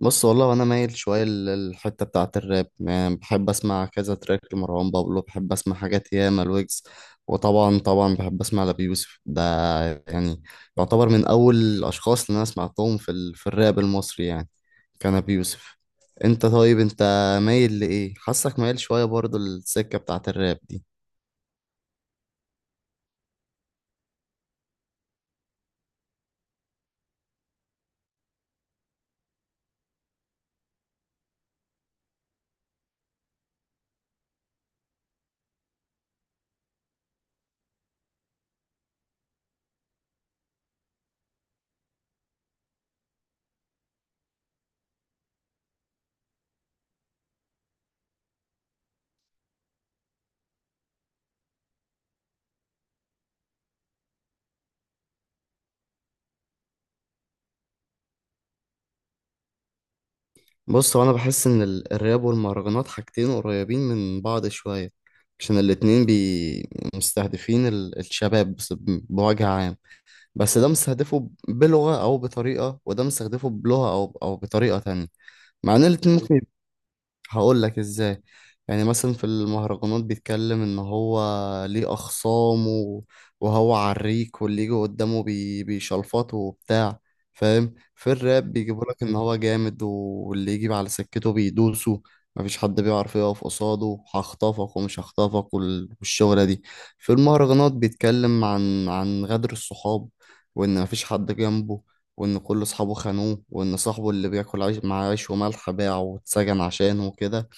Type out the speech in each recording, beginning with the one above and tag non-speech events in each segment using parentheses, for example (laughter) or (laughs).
بص، والله انا مايل شويه للحته بتاعه الراب. يعني بحب اسمع كذا تراك لمروان بابلو، بحب اسمع حاجات ياما الويجز، وطبعا بحب اسمع لأبي يوسف ده. يعني يعتبر من اول الاشخاص اللي انا سمعتهم في الراب المصري، يعني كان ابي يوسف. انت طيب، انت مايل لايه؟ حاسك مايل شويه برضو للسكه بتاعه الراب دي. بص، هو انا بحس ان الراب والمهرجانات حاجتين قريبين من بعض شويه، عشان الاتنين مستهدفين الشباب بوجه عام. بس ده مستهدفه بلغه او بطريقه، وده مستهدفه بلغه او بطريقه تانية. مع ان الاتنين ممكن، هقول لك ازاي. يعني مثلا في المهرجانات بيتكلم ان هو ليه اخصام وهو عريك واللي يجي قدامه بيشلفطه وبتاع، فاهم. في الراب بيجيبوا لك ان هو جامد، واللي يجي على سكته بيدوسه، مفيش حد بيعرف يقف قصاده، هخطفك ومش هخطفك والشغلة دي. في المهرجانات بيتكلم عن غدر الصحاب، وان مفيش حد جنبه، وإن كل أصحابه خانوه، وإن صاحبه اللي بياكل عيش مع عيش وملح باعه واتسجن عشانه وكده.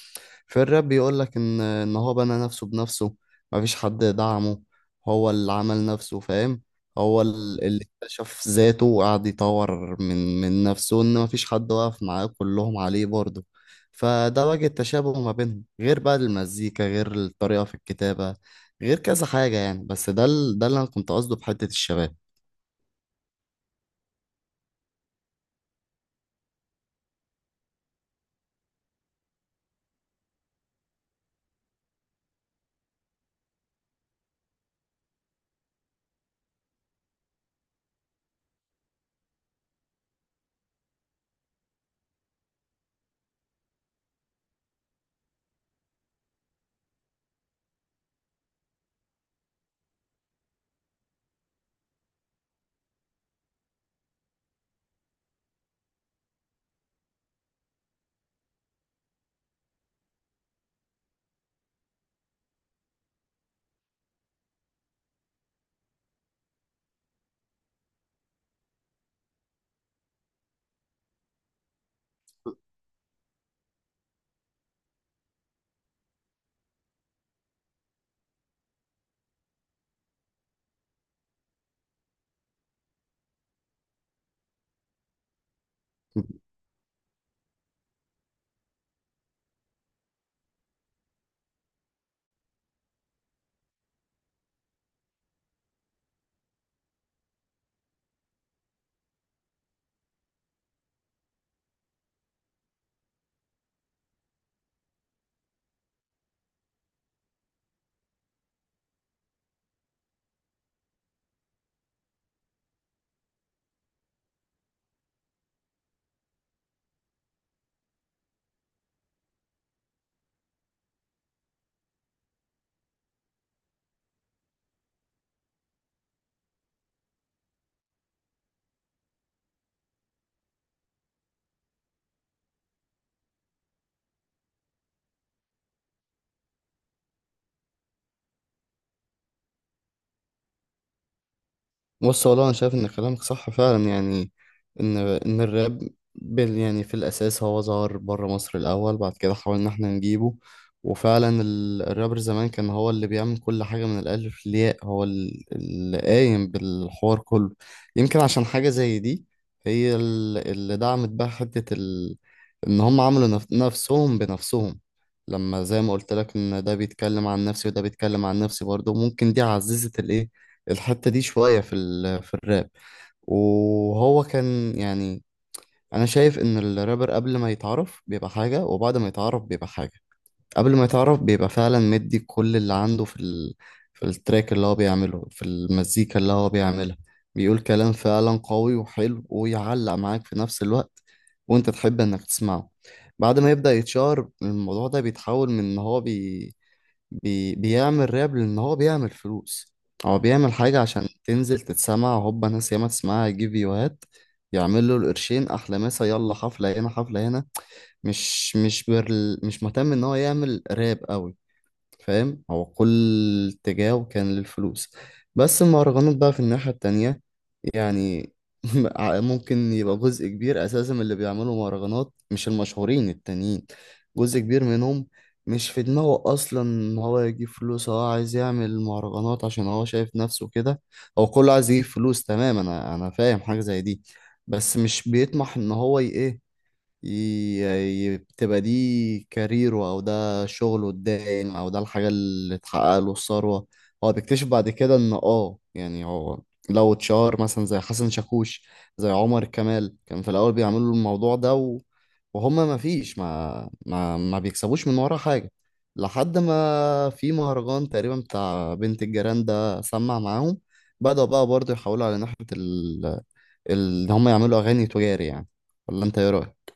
في الراب بيقولك إن هو بنى نفسه بنفسه، مفيش حد دعمه، هو اللي عمل نفسه، فاهم. هو اللي اكتشف ذاته وقعد يطور من نفسه، إن مفيش حد واقف معاه، كلهم عليه برضه. فده وجه التشابه ما بينهم، غير بقى المزيكا، غير الطريقة في الكتابة، غير كذا حاجة يعني. بس ده ده اللي أنا كنت قصده بحتة الشباب. بص، والله انا شايف ان كلامك صح فعلا. يعني ان الراب يعني في الاساس هو ظهر بره مصر الاول، بعد كده حاولنا احنا نجيبه. وفعلا الرابر زمان كان هو اللي بيعمل كل حاجه من الالف للياء، هو اللي قايم بالحوار كله. يمكن عشان حاجه زي دي هي اللي دعمت بقى حته ان هم عملوا نفسهم بنفسهم. لما زي ما قلت لك ان ده بيتكلم عن نفسي وده بيتكلم عن نفسي برضه، ممكن دي عززت الايه، الحتة دي شوية في الراب. وهو كان يعني، أنا شايف إن الرابر قبل ما يتعرف بيبقى حاجة، وبعد ما يتعرف بيبقى حاجة. قبل ما يتعرف بيبقى فعلا مدي كل اللي عنده في التراك اللي هو بيعمله، في المزيكا اللي هو بيعملها. بيقول كلام فعلا قوي وحلو ويعلق معاك في نفس الوقت، وأنت تحب إنك تسمعه. بعد ما يبدأ يتشهر، الموضوع ده بيتحول من إن هو بي... بي بيعمل راب، لأن هو بيعمل فلوس. هو بيعمل حاجة عشان تنزل تتسمع، هوبا ناس ياما تسمعها، يجيب فيوهات، يعمل له القرشين، أحلى مسا يلا حفلة هنا حفلة هنا. مش برل، مش مهتم إن هو يعمل راب قوي، فاهم. هو كل اتجاهه كان للفلوس. بس المهرجانات بقى في الناحية التانية، يعني، (laughs) ممكن يبقى جزء كبير اساسا من اللي بيعملوا مهرجانات، مش المشهورين التانيين، جزء كبير منهم مش في دماغه اصلا ان هو يجيب فلوس. هو عايز يعمل مهرجانات عشان هو شايف نفسه كده، هو كله عايز يجيب فلوس، تمام، انا فاهم حاجة زي دي. بس مش بيطمح ان هو ي- بتبقى دي كاريره، او ده شغله الدائم، او ده الحاجة اللي اتحقق له الثروة. هو بيكتشف بعد كده ان، اه، يعني هو لو اتشهر مثلا زي حسن شاكوش، زي عمر كمال، كان في الاول بيعملوا الموضوع ده، و... وهما ما فيش ما ما ما بيكسبوش من ورا حاجة، لحد ما في مهرجان تقريبا بتاع بنت الجيران ده سمع معاهم، بدأوا بقى برضه يحاولوا على ناحية ان هما يعملوا اغاني تجاري، يعني. ولا انت ايه رأيك؟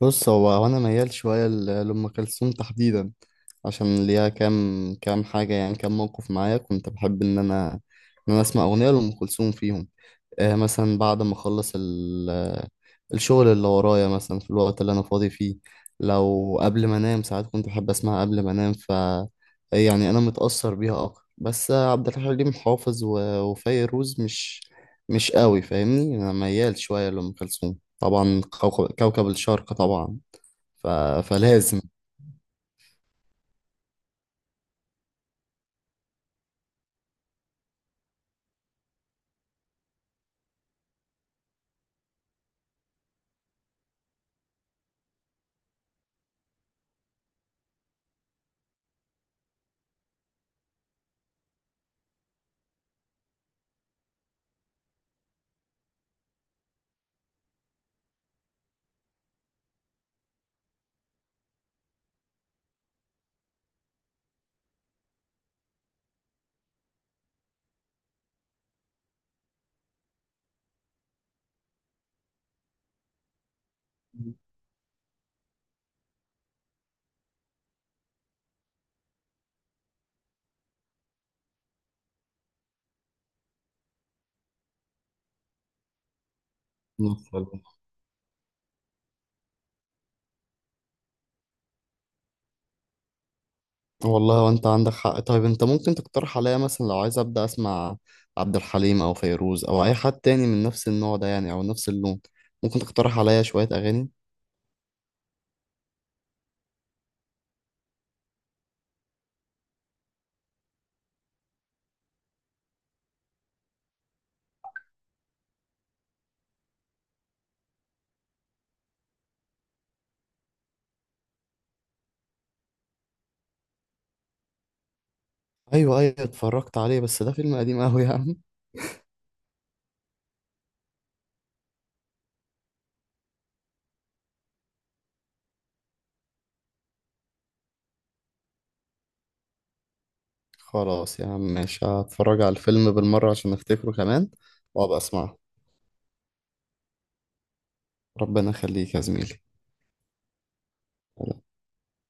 بص، هو انا ميال شويه لام كلثوم تحديدا، عشان ليها كام حاجه، يعني كام موقف معايا كنت بحب ان انا ان انا اسمع اغنيه لام كلثوم فيهم. آه، مثلا بعد ما اخلص الشغل اللي ورايا، مثلا في الوقت اللي انا فاضي فيه، لو قبل ما انام ساعات كنت بحب اسمعها قبل ما انام. ف يعني انا متاثر بيها اكتر، بس عبد الحليم حافظ وفيروز مش قوي، فاهمني. انا ميال شويه لام كلثوم طبعا، كوكب الشرق طبعا. ف... فلازم نوصل. والله وانت عندك حق. طيب انت ممكن تقترح عليا مثلا، لو عايز ابدا اسمع عبد الحليم او فيروز او اي حد تاني من نفس النوع ده، يعني او نفس اللون، ممكن تقترح عليا شوية اغاني؟ ايوه ايوه، اتفرجت عليه، بس ده فيلم قديم قوي يا عم. (laughs) خلاص يا عم ماشي، هتفرج على الفيلم بالمرة عشان افتكره كمان، وابقى اسمعه. ربنا يخليك يا زميلي.